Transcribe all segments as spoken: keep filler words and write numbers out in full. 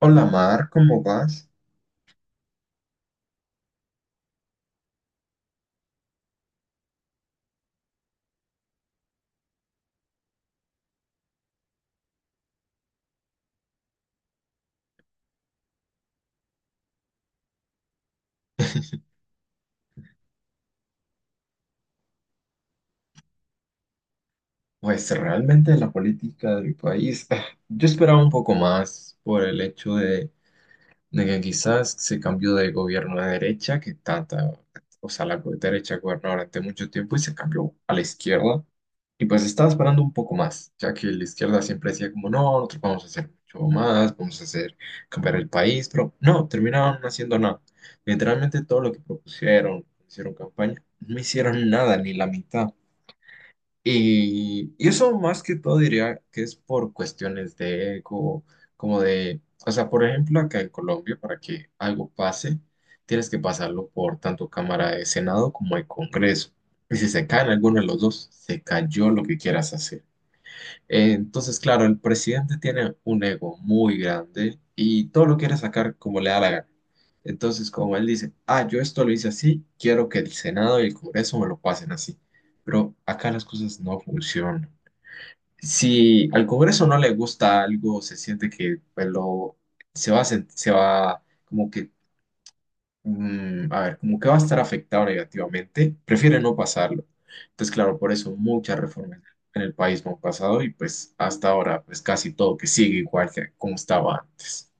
Hola Mar, ¿cómo vas? Pues realmente la política de mi país, ah, yo esperaba un poco más por el hecho de, de que quizás se cambió de gobierno de derecha, que tanta, o sea, la derecha gobernó durante mucho tiempo y se cambió a la izquierda. Y pues estaba esperando un poco más, ya que la izquierda siempre decía como, no, nosotros vamos a hacer mucho más, vamos a hacer cambiar el país, pero no, terminaron no haciendo nada. Literalmente todo lo que propusieron, hicieron campaña, no hicieron nada, ni la mitad. Y, y eso más que todo diría que es por cuestiones de ego, como de, o sea, por ejemplo, acá en Colombia, para que algo pase, tienes que pasarlo por tanto Cámara de Senado como el Congreso. Y si se caen alguno de los dos, se cayó lo que quieras hacer. Eh, Entonces, claro, el presidente tiene un ego muy grande y todo lo quiere sacar como le da la gana. Entonces, como él dice, ah, yo esto lo hice así, quiero que el Senado y el Congreso me lo pasen así. Pero acá las cosas no funcionan. Si al Congreso no le gusta algo, se siente que pues, lo, se va, a sent- se va como que mm, a ver, como que va a estar afectado negativamente, prefiere no pasarlo. Entonces, claro, por eso muchas reformas en el país no han pasado y pues hasta ahora, pues casi todo que sigue igual que como estaba antes.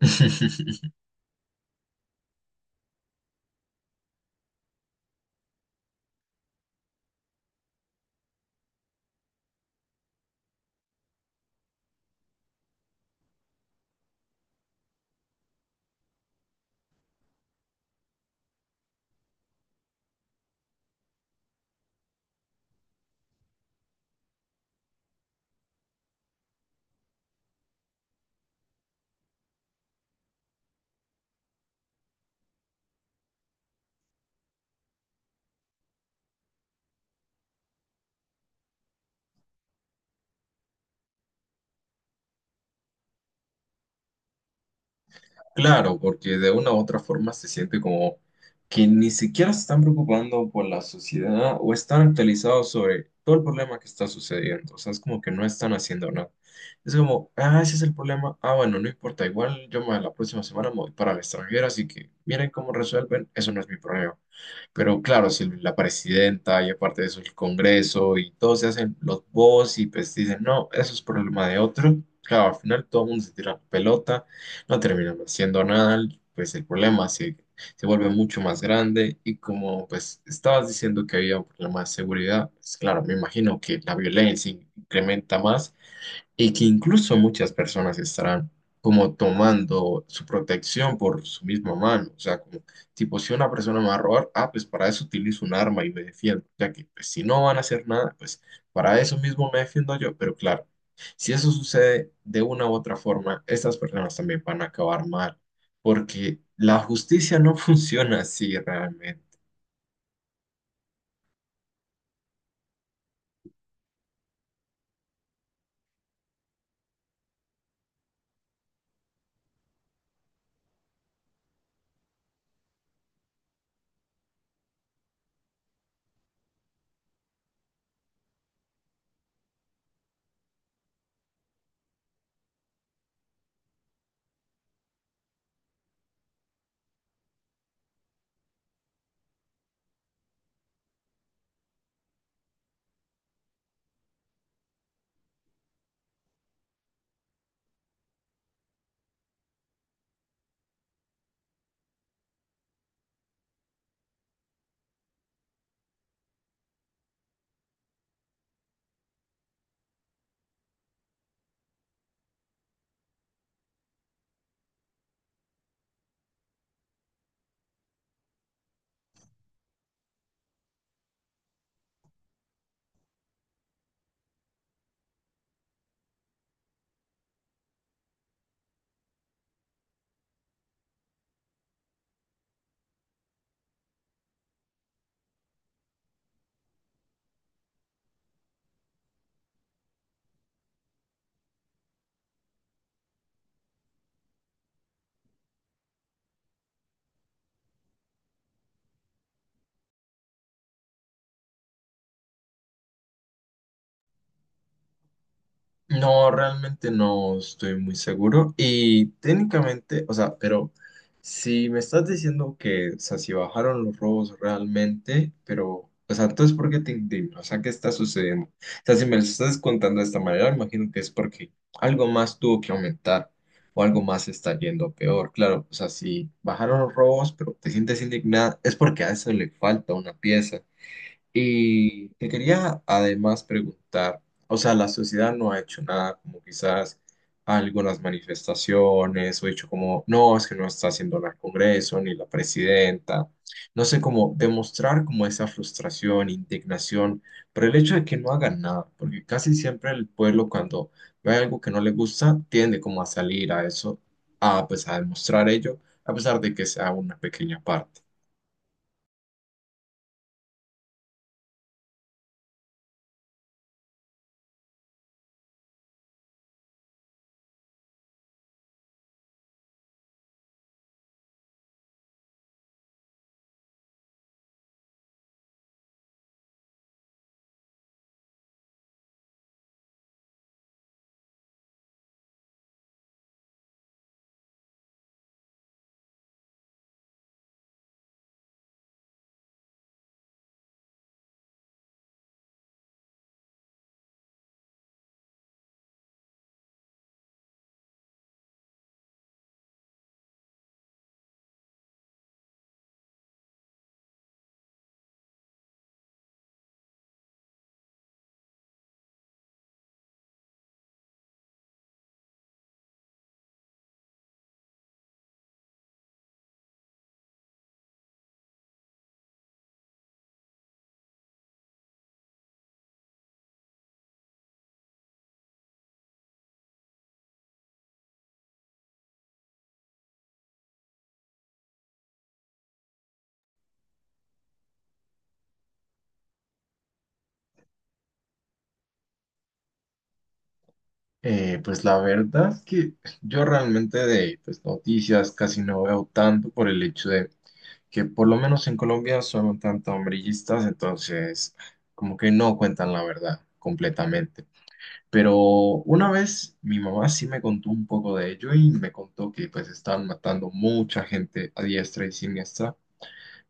Claro, porque de una u otra forma se siente como que ni siquiera se están preocupando por la sociedad o están actualizados sobre todo el problema que está sucediendo. O sea, es como que no están haciendo nada. Es como, ah, ese es el problema. Ah, bueno, no importa. Igual yo me- la próxima semana me voy para el extranjero, así que miren cómo resuelven. Eso no es mi problema. Pero claro, si la presidenta y aparte de eso el Congreso y todos se hacen los voz y pues dicen, no, eso es problema de otro. Claro, al final todo el mundo se tira la pelota, no terminan haciendo nada, pues el problema se, se vuelve mucho más grande y como pues estabas diciendo que había un problema de seguridad, pues claro, me imagino que la violencia incrementa más y que incluso muchas personas estarán como tomando su protección por su misma mano. O sea, como tipo, si una persona me va a robar, ah, pues para eso utilizo un arma y me defiendo. Ya que pues, si no van a hacer nada, pues para eso mismo me defiendo yo. Pero claro, si eso sucede de una u otra forma, estas personas también van a acabar mal, porque la justicia no funciona así realmente. No, realmente no estoy muy seguro. Y técnicamente, o sea, pero si me estás diciendo que, o sea, si bajaron los robos realmente, pero, o sea, entonces, ¿por qué te indignas? O sea, ¿qué está sucediendo? O sea, si me lo estás contando de esta manera, imagino que es porque algo más tuvo que aumentar o algo más está yendo peor. Claro, o sea, si bajaron los robos, pero te sientes indignada, es porque a eso le falta una pieza. Y te quería además preguntar, o sea, la sociedad no ha hecho nada, como quizás algunas manifestaciones, o hecho como, no, es que no está haciendo nada el Congreso, ni la presidenta, no sé cómo demostrar como esa frustración, indignación, pero el hecho de que no hagan nada, porque casi siempre el pueblo cuando ve algo que no le gusta, tiende como a salir a eso, a pues a demostrar ello, a pesar de que sea una pequeña parte. Eh, pues la verdad es que yo realmente de pues, noticias casi no veo tanto por el hecho de que por lo menos en Colombia son un tanto hombrillistas, entonces como que no cuentan la verdad completamente. Pero una vez mi mamá sí me contó un poco de ello y me contó que pues estaban matando mucha gente a diestra y siniestra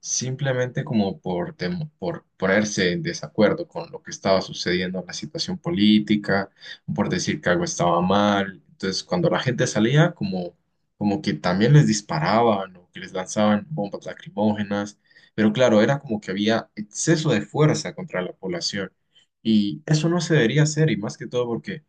simplemente como por, temo- por ponerse en desacuerdo con lo que estaba sucediendo en la situación política, por decir que algo estaba mal. Entonces, cuando la gente salía, como, como que también les disparaban o que les lanzaban bombas lacrimógenas, pero claro, era como que había exceso de fuerza contra la población. Y eso no se debería hacer, y más que todo porque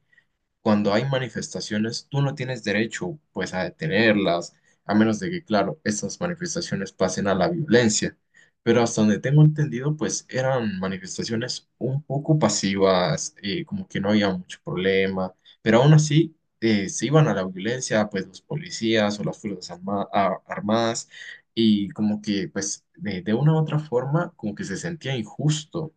cuando hay manifestaciones, tú no tienes derecho, pues, a detenerlas, a menos de que, claro, estas manifestaciones pasen a la violencia. Pero hasta donde tengo entendido, pues, eran manifestaciones un poco pasivas, eh, como que no había mucho problema, pero aún así eh, se iban a la violencia, pues, los policías o las fuerzas arma- a- armadas, y como que, pues, de, de una u otra forma, como que se sentía injusto.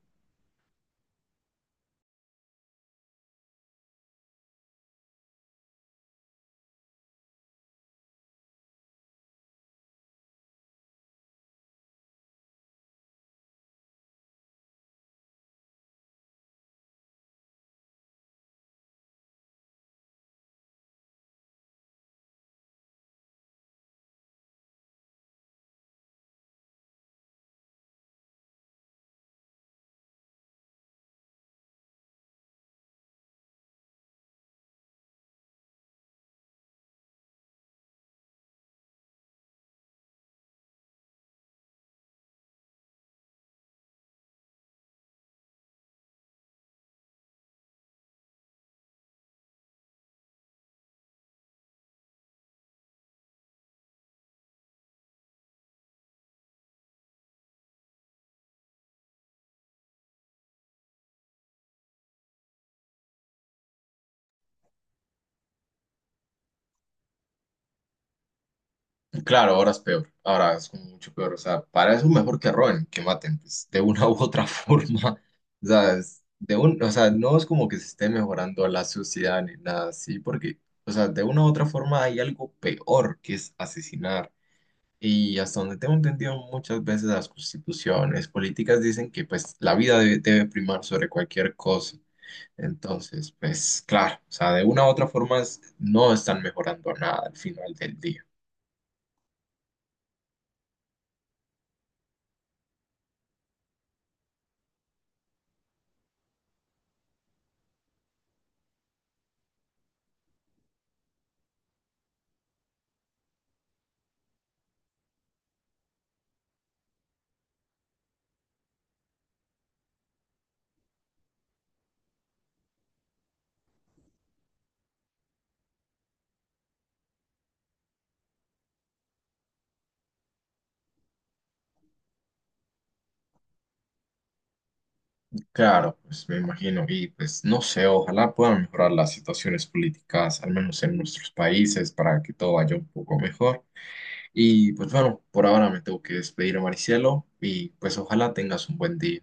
Claro, ahora es peor, ahora es como mucho peor, o sea, para eso mejor que roben, que maten, pues, de una u otra forma, o sea, es de un, o sea, no es como que se esté mejorando la sociedad ni nada así, porque, o sea, de una u otra forma hay algo peor que es asesinar, y hasta donde tengo entendido muchas veces las constituciones políticas dicen que, pues, la vida debe, debe primar sobre cualquier cosa, entonces, pues, claro, o sea, de una u otra forma es- no están mejorando nada al final del día. Claro, pues me imagino, y pues no sé, ojalá puedan mejorar las situaciones políticas, al menos en nuestros países, para que todo vaya un poco mejor. Y pues bueno, por ahora me tengo que despedir, Maricielo, y pues ojalá tengas un buen día.